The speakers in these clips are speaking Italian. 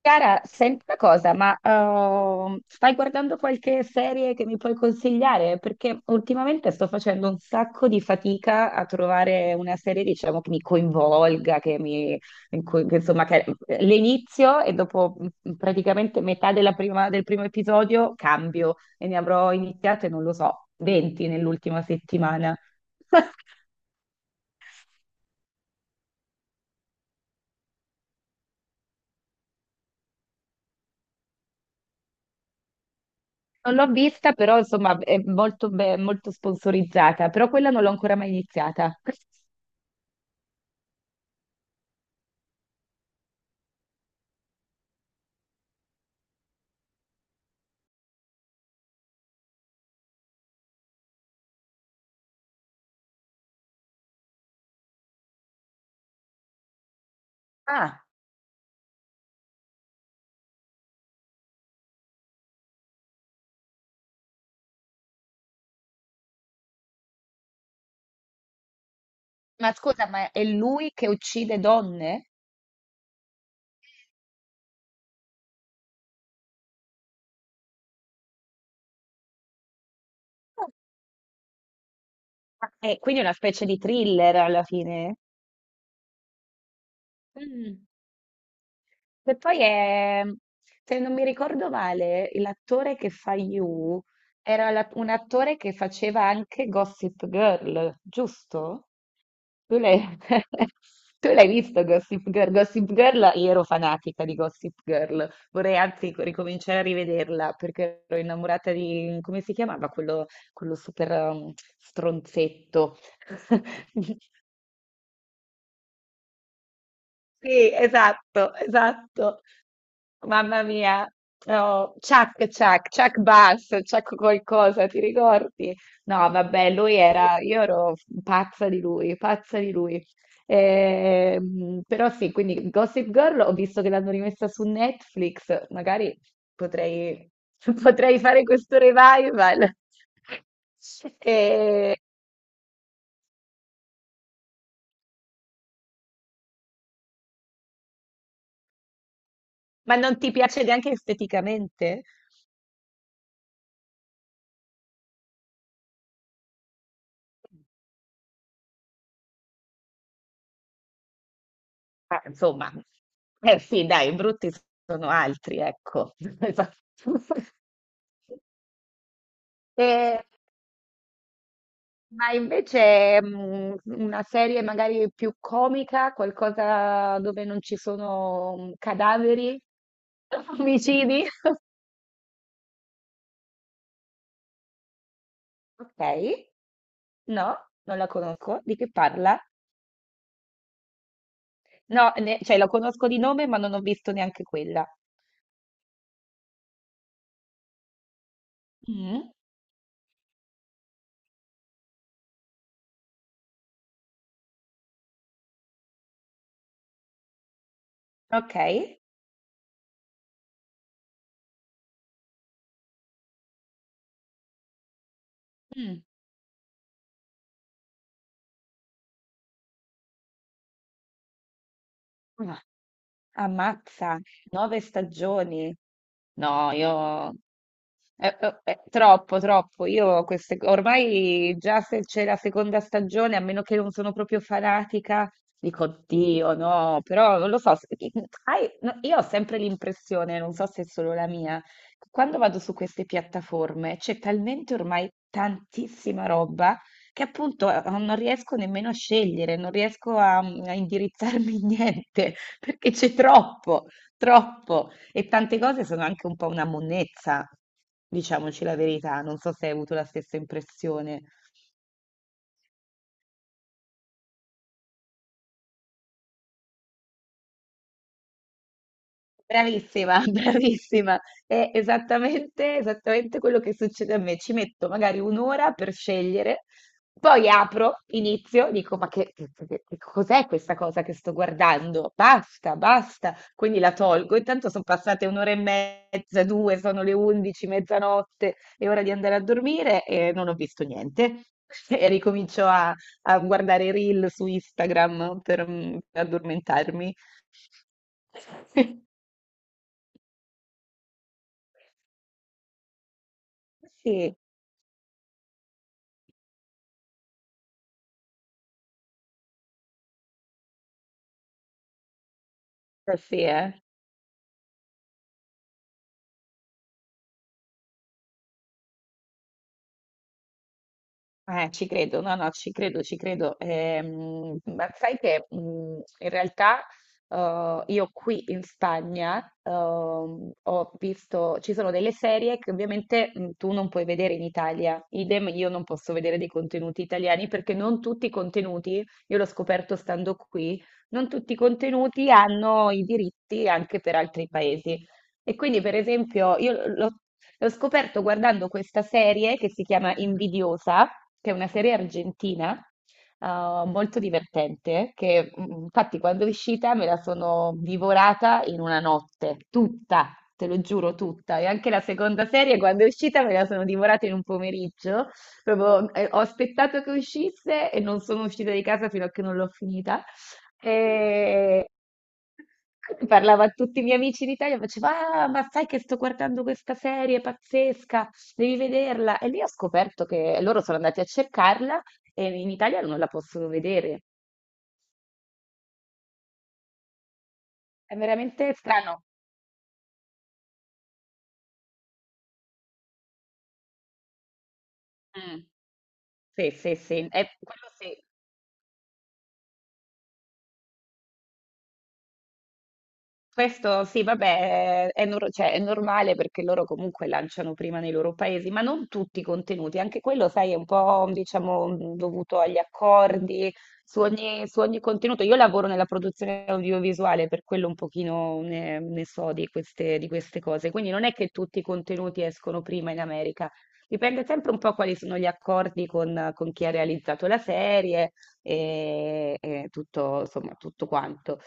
Chiara, senti una cosa, ma stai guardando qualche serie che mi puoi consigliare? Perché ultimamente sto facendo un sacco di fatica a trovare una serie, diciamo, che mi coinvolga, che mi, in cui- che, insomma, che l'inizio e dopo praticamente metà del primo episodio cambio e ne avrò iniziate, non lo so, 20 nell'ultima settimana. Non l'ho vista, però insomma è molto, molto sponsorizzata, però quella non l'ho ancora mai iniziata. Ah. Ma scusa, ma è lui che uccide donne? Ah, e quindi è una specie di thriller alla fine. Mm. E poi è, se non mi ricordo male, l'attore che fa You era un attore che faceva anche Gossip Girl, giusto? Tu l'hai tu l'hai visto Gossip Girl? Gossip Girl, io ero fanatica di Gossip Girl, vorrei anzi ricominciare a rivederla perché ero innamorata di, come si chiamava, quello super stronzetto. Sì, esatto, esatto. Mamma mia. Oh, Chuck, Chuck, Chuck Bass, Chuck qualcosa, ti ricordi? No, vabbè, lui era, io ero pazza di lui, pazza di lui. Però sì, quindi Gossip Girl ho visto che l'hanno rimessa su Netflix, magari potrei, potrei fare questo revival. Eh, ma non ti piace neanche esteticamente? Insomma, eh sì dai, brutti sono altri, ecco. Esa Ehm, ma invece, una serie magari più comica, qualcosa dove non ci sono cadaveri, omicidi? Okay. No, non la conosco. Di che parla? No, ne cioè la conosco di nome, ma non ho visto neanche quella. Mh. Okay. Mh. Ah, ammazza, 9 stagioni. No, io... È troppo, troppo. Ormai già se c'è la seconda stagione, a meno che non sono proprio fanatica, dico: Dio, no, però non lo so. No, io ho sempre l'impressione, non so se è solo la mia, che quando vado su queste piattaforme c'è talmente ormai tantissima roba che appunto non riesco nemmeno a scegliere, non riesco a indirizzarmi in niente, perché c'è troppo, troppo. E tante cose sono anche un po' una monnezza, diciamoci la verità. Non so se hai avuto la stessa impressione. Bravissima, bravissima. È esattamente, esattamente quello che succede a me. Ci metto magari un'ora per scegliere, poi apro, inizio, dico: Ma che cos'è questa cosa che sto guardando? Basta, basta. Quindi la tolgo. Intanto sono passate un'ora e mezza, due, sono le 11, mezzanotte, è ora di andare a dormire e non ho visto niente. E ricomincio a guardare i reel su Instagram per addormentarmi. Sì. Eh sì, eh. Ci credo, no, no, ci credo, ci credo. Ma sai che in realtà io qui in Spagna ho visto, ci sono delle serie che ovviamente tu non puoi vedere in Italia, idem io non posso vedere dei contenuti italiani perché non tutti i contenuti, io l'ho scoperto stando qui, non tutti i contenuti hanno i diritti anche per altri paesi. E quindi, per esempio, io l'ho scoperto guardando questa serie che si chiama Invidiosa, che è una serie argentina, eh, molto divertente, infatti quando è uscita me la sono divorata in una notte, tutta, te lo giuro, tutta. E anche la seconda serie quando è uscita me la sono divorata in un pomeriggio. Proprio, ho aspettato che uscisse e non sono uscita di casa fino a che non l'ho finita. E parlava a tutti i miei amici d'Italia, faceva: Ah, ma sai che sto guardando questa serie pazzesca, devi vederla. E lì ho scoperto che loro sono andati a cercarla e in Italia non la possono vedere. È veramente strano. Mm. Sì, sì, sì. È quello sì. Questo sì, vabbè, è, nor- cioè, è normale perché loro comunque lanciano prima nei loro paesi, ma non tutti i contenuti, anche quello, sai, è un po', diciamo, dovuto agli accordi, su ogni contenuto. Io lavoro nella produzione audiovisuale, per quello un pochino ne so di queste cose, quindi non è che tutti i contenuti escono prima in America, dipende sempre un po' quali sono gli accordi con chi ha realizzato la serie e tutto, insomma, tutto quanto.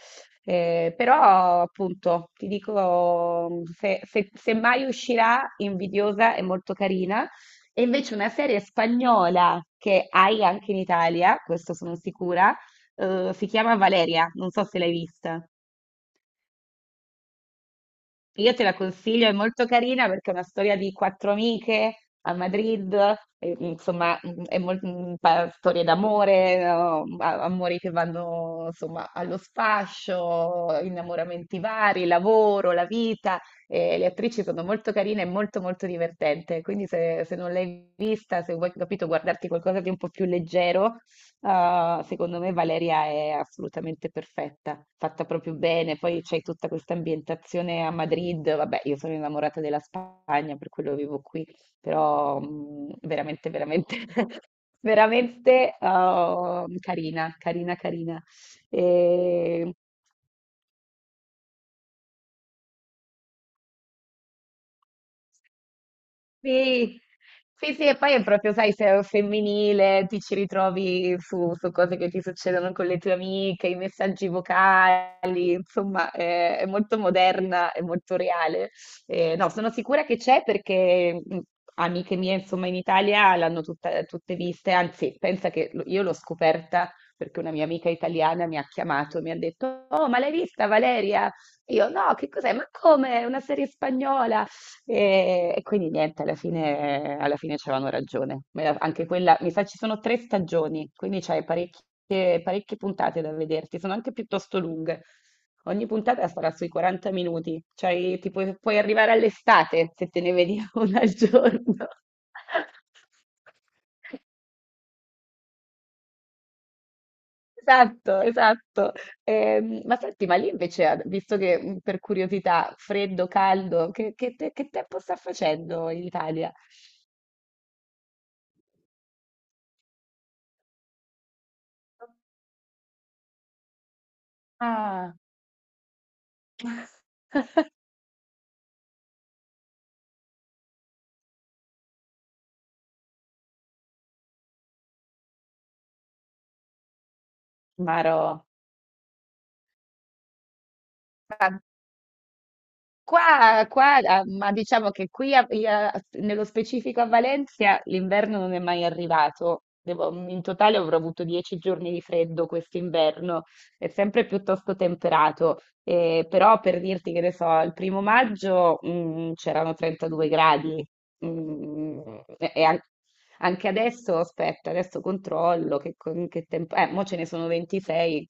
Però appunto ti dico, se mai uscirà Invidiosa è molto carina, e invece una serie spagnola che hai anche in Italia, questo sono sicura, si chiama Valeria, non so se l'hai vista. Io te la consiglio, è molto carina perché è una storia di quattro amiche a Madrid, e, insomma, mm, è mol- mm, pa- storie d'amore, no? Amori che vanno insomma allo sfascio, innamoramenti vari, lavoro, la vita. E le attrici sono molto carine e molto molto divertente. Quindi se non l'hai vista, se vuoi capito, guardarti qualcosa di un po' più leggero. Secondo me Valeria è assolutamente perfetta, fatta proprio bene. Poi c'è tutta questa ambientazione a Madrid. Vabbè, io sono innamorata della Spagna, per quello vivo qui, però veramente, veramente, veramente carina, carina, carina. E sì, sì, sì, e poi è proprio, sai, se è femminile, ti ci ritrovi su cose che ti succedono con le tue amiche, i messaggi vocali, insomma, è molto moderna, è molto reale. No, sono sicura che c'è perché amiche mie, insomma, in Italia l'hanno tutte viste, anzi, pensa che io l'ho scoperta perché una mia amica italiana mi ha chiamato e mi ha detto: Oh, ma l'hai vista Valeria? Io no, che cos'è? Ma come? È una serie spagnola? E quindi niente, alla fine c'avevano ragione. Anche quella, mi sa ci sono tre stagioni, quindi c'hai parecchie, parecchie puntate da vederti, sono anche piuttosto lunghe. Ogni puntata sarà sui 40 minuti, cioè puoi arrivare all'estate se te ne vedi una al giorno. Esatto, esatto. Ma senti, ma lì invece, visto che per curiosità, freddo, caldo, che tempo sta facendo in Italia? Ah, Maro, ma qua, qua, ma diciamo che qui nello specifico a Valencia l'inverno non è mai arrivato. In totale avrò avuto 10 giorni di freddo quest'inverno, è sempre piuttosto temperato. Però per dirti che ne so, il 1° maggio c'erano 32 gradi. Mm, e, e an- Anche adesso, aspetta, adesso controllo che tempo. Mo ce ne sono 26,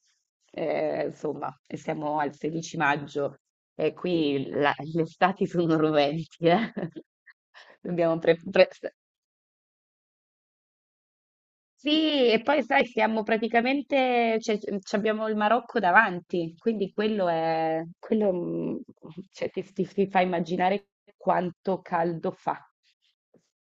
insomma, e siamo al 16 maggio e qui le estati sono roventi, eh. Dobbiamo pre- pre- Sì, e poi sai, siamo praticamente, cioè, ci abbiamo il Marocco davanti, quindi quello cioè, ti fa immaginare quanto caldo fa.